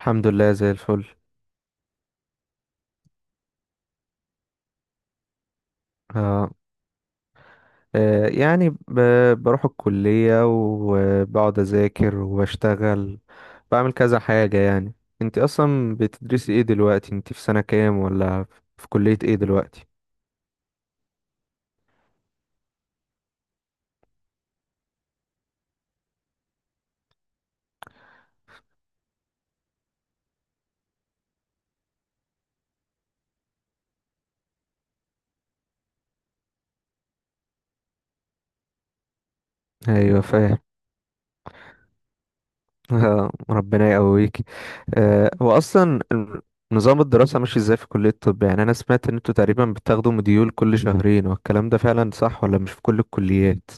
الحمد لله زي الفل. آه. آه. يعني بروح الكلية وبقعد أذاكر وبشتغل. بعمل كذا حاجة يعني. انت أصلا بتدرسي ايه دلوقتي؟ انت في سنة كام ولا في كلية ايه دلوقتي؟ ايوه، فاهم. آه. ربنا يقويك. هو أصلا نظام الدراسة ماشي ازاي في كلية الطب؟ يعني أنا سمعت ان انتوا تقريبا بتاخدوا مديول كل شهرين، والكلام ده فعلا صح ولا مش في كل الكليات؟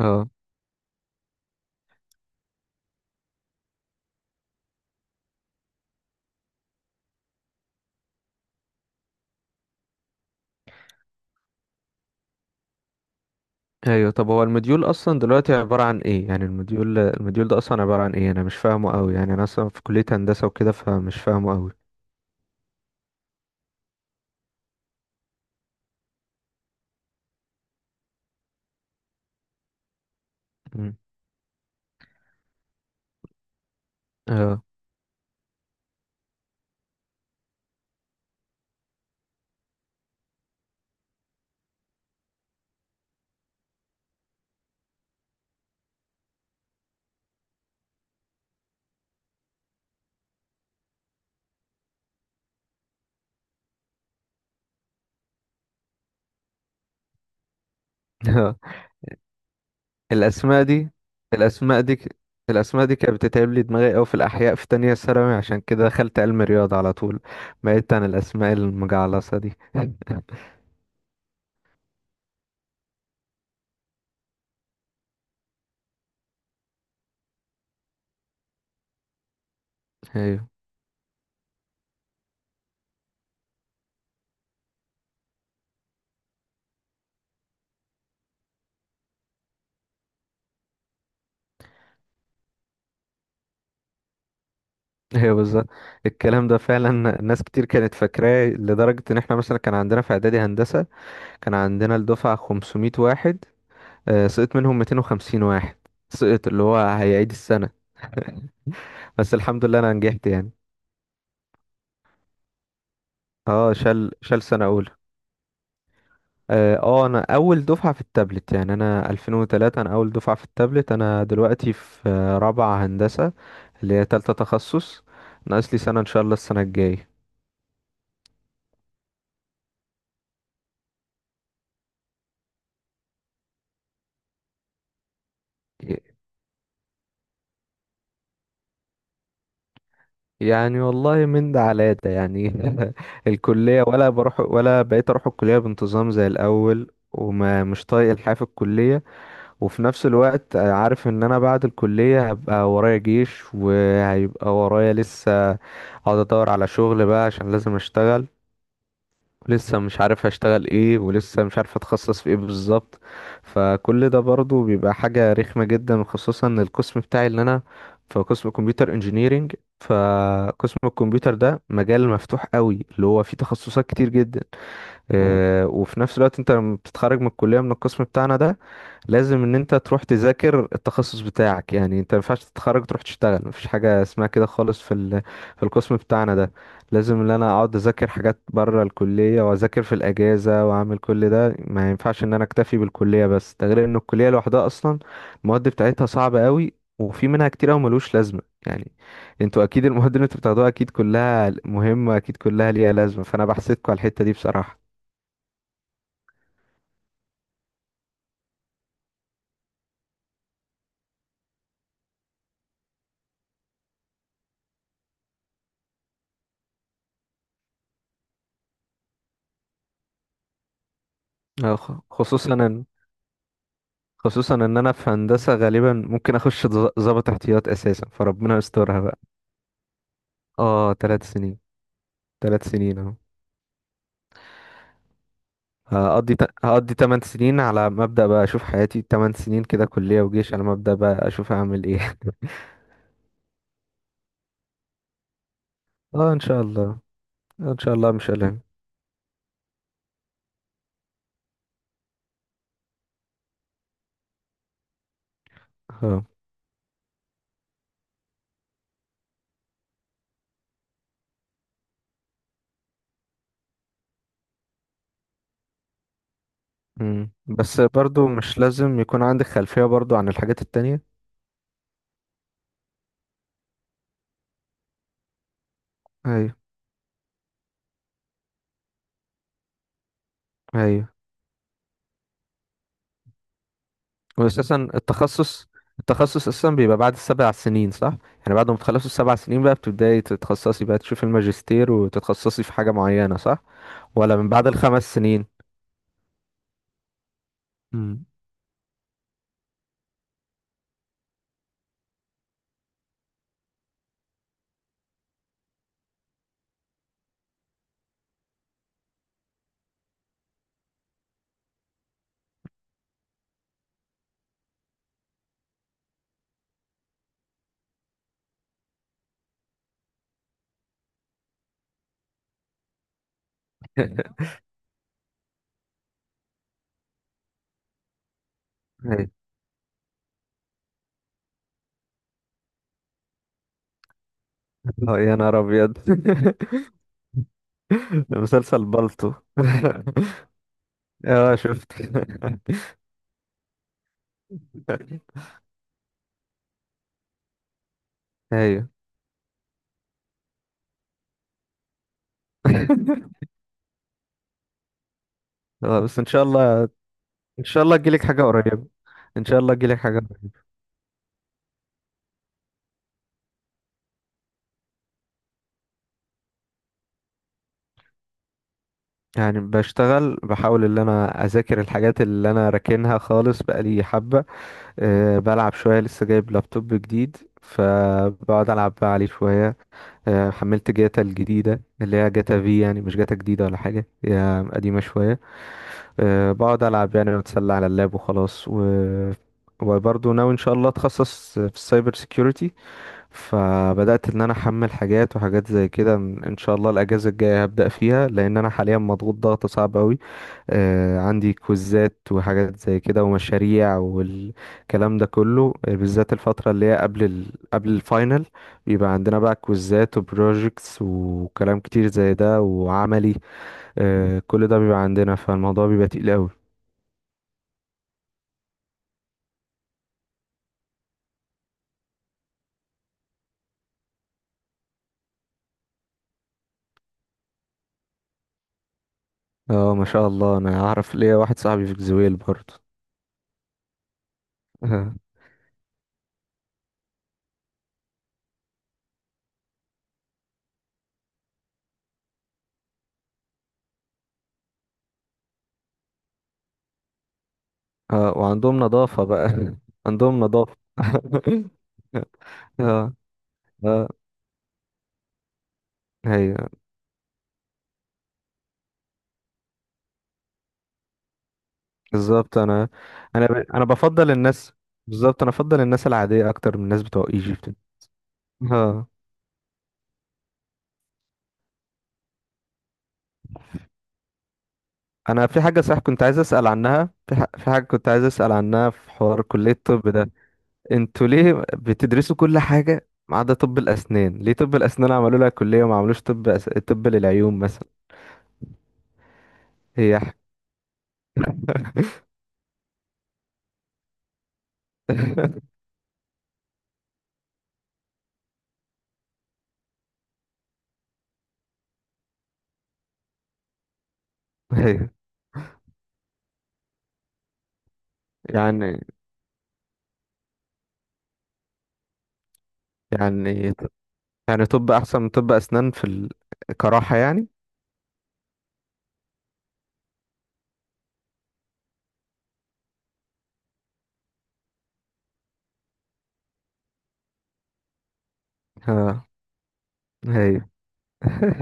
اه. ايوه، طب هو المديول اصلا دلوقتي عباره عن ايه؟ يعني المديول ده اصلا عباره عن ايه؟ انا مش فاهمه قوي، يعني انا اصلا في كليه هندسه وكده فمش فاهمه قوي. مم. اه. الاسماء دي الاسماء دي ك- الاسماء دي كانت بتتعب لي دماغي قوي في الاحياء في تانية ثانوي، عشان كده دخلت علم رياضه على طول. بعدت عن الاسماء المجعلصه دي. ايوه، ايوه، بالظبط. الكلام ده فعلا. ناس كتير كانت فاكراه لدرجه ان احنا، مثلا كان عندنا في اعدادي هندسه كان عندنا الدفعه 500 واحد، سقط منهم 250 واحد. سقط اللي هو هيعيد السنة. بس الحمد لله انا نجحت يعني. اه، شال سنة اولى. اه، انا اول دفعة في التابلت. يعني انا 2003، انا اول دفعة في التابلت. انا دلوقتي في رابعة هندسة، اللي هي تالتة تخصص. ناقص لي سنة ان شاء الله السنة الجاية. ي- يعني والله من ده على ده يعني. الكلية ولا بروح، ولا بقيت اروح الكلية بانتظام زي الاول، وما مش طايق الحياة في الكلية. وفي نفس الوقت عارف ان انا بعد الكلية هبقى ورايا جيش، وهيبقى ورايا لسه اقعد ادور على شغل بقى عشان لازم اشتغل. ولسه مش عارف هشتغل ايه، ولسه مش عارف اتخصص في ايه بالظبط. فكل ده برضو بيبقى حاجة رخمة جدا، وخصوصا ان القسم بتاعي اللي انا في قسم كمبيوتر انجينيرينج. فقسم الكمبيوتر ده مجال مفتوح قوي اللي هو فيه تخصصات كتير جدا. وفي نفس الوقت انت لما بتتخرج من الكلية من القسم بتاعنا ده، لازم ان انت تروح تذاكر التخصص بتاعك. يعني انت ما ينفعش تتخرج تروح تشتغل، مفيش حاجه اسمها كده خالص في القسم بتاعنا ده. لازم ان انا اقعد اذاكر حاجات بره الكليه، واذاكر في الاجازه، واعمل كل ده. ما ينفعش ان انا اكتفي بالكليه بس. ده غير ان الكليه لوحدها اصلا المواد بتاعتها صعبه قوي، وفي منها كتير قوي ملوش لازمه يعني. انتوا اكيد المواد اللي انتوا بتاخدوها اكيد كلها مهمه، اكيد كلها ليها لازمه، فانا بحسدكوا على الحته دي بصراحه. خصوصا ان خصوصا ان انا في هندسة غالبا ممكن اخش ضابط احتياط اساسا، فربنا يسترها بقى. اه، ثلاث سنين. 3 سنين اهو. هقضي 8 سنين على مبدأ بقى، اشوف حياتي 8 سنين كده كلية وجيش، على مبدأ بقى اشوف هعمل ايه. اه، ان شاء الله. ان شاء الله مش قلقان. اه. مم. بس برضو مش لازم يكون عندك خلفية برضو عن الحاجات التانية. ايوه، ايوه. واساسا التخصص، اساسا بيبقى بعد السبع سنين صح؟ يعني بعد ما تخلصوا السبع سنين بقى بتبداي تتخصصي بقى، تشوفي الماجستير وتتخصصي في حاجه معينه صح؟ ولا من بعد الخمس سنين؟ امم. أي. يا نهار ابيض. مسلسل بالطو. اه، شفت. ايوه. بس ان شاء الله. ان شاء الله تجيلك حاجه قريبه. ان شاء الله تجيلك حاجه قريبة. يعني بشتغل، بحاول ان انا اذاكر الحاجات اللي انا راكنها خالص بقالي حبه. بلعب شوية، لسه جايب لابتوب جديد، فبقعد ألعب بقى عليه شوية. حملت جاتا الجديدة اللي هي جاتا في، يعني مش جاتا جديدة ولا حاجة، هي قديمة شوية. بقعد ألعب يعني، وأتسلى على اللاب وخلاص وبرضه ناوي إن شاء الله أتخصص في السايبر سيكيورتي. فبدأت إن أنا أحمل حاجات وحاجات زي كده، إن شاء الله الأجازة الجاية هبدأ فيها، لأن أنا حاليا مضغوط ضغط صعب أوي. آه، عندي كوزات وحاجات زي كده ومشاريع والكلام ده كله، بالذات الفترة اللي هي قبل الفاينل بيبقى عندنا بقى كوزات وبروجيكتس وكلام كتير زي ده وعملي. كل ده بيبقى عندنا، فالموضوع بيبقى تقيل قوي. اه، ما شاء الله، انا اعرف ليا واحد صاحبي في جزويل برضه. اه. وعندهم نظافة بقى. عندهم نظافة. اه، اه، ايوه، بالظبط. انا بفضل الناس. بالظبط انا بفضل الناس العاديه اكتر من الناس بتوع ايجيبت. ها. انا في حاجه صح كنت عايز اسال عنها في، في حاجه كنت عايز اسال عنها في حوار كليه الطب ده. انتوا ليه بتدرسوا كل حاجه ما عدا طب الاسنان؟ ليه طب الاسنان عملوا لها كليه وما عملوش طب للعيون مثلا؟ هي ح... أيوة. يعني، يعني يعني طب احسن من طب اسنان كراحه يعني. ها. هي.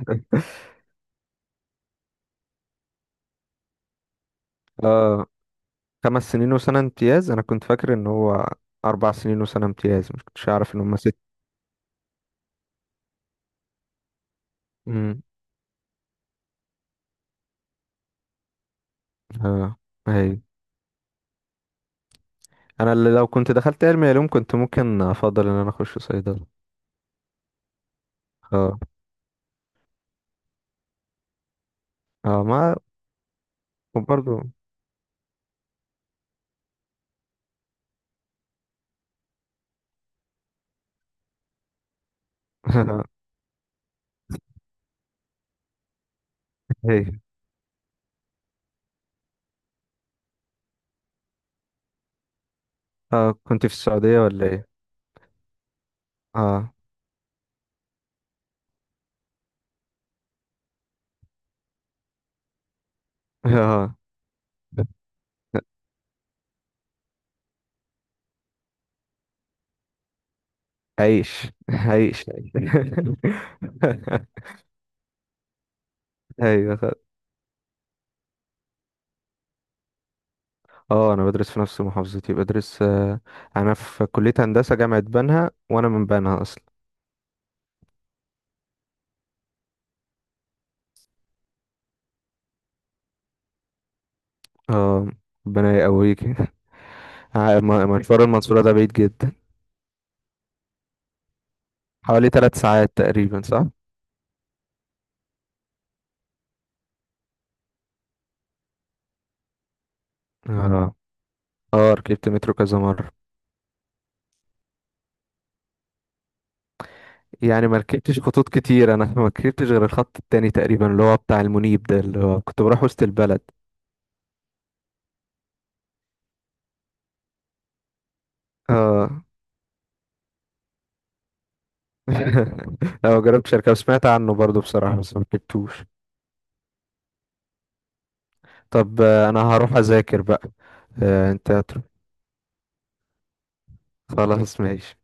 اه، خمس سنين وسنة امتياز. انا كنت فاكر ان هو اربع سنين وسنة امتياز، مش كنتش اعرف ان هم ست. امم. اه. هي، انا اللي لو كنت دخلت علمي علوم كنت ممكن افضل ان انا اخش صيدلة. اه، اه، ما وبرضه. هي، اه. كنت في السعودية ولا ايه؟ اه. اه. عيش عيش عيش. ايوه، اه. انا بدرس في نفس محافظتي، بدرس انا في كلية هندسة جامعة بنها وانا من بنها اصلا. اه، ربنا يقويك. مشوار المنصورة ده بعيد جدا، حوالي 3 ساعات تقريبا صح؟ اه. اه، ركبت مترو كذا مرة. يعني ما ركبتش خطوط كتير انا. ما ركبتش غير الخط التاني تقريبا اللي هو بتاع المنيب ده، اللي هو كنت بروح وسط البلد. اه. لا، ما جربتش اركب، سمعت عنه برضو بصراحة، بس ما ركبتوش. طب، انا هروح اذاكر بقى. انت هتروح؟ خلاص ماشي.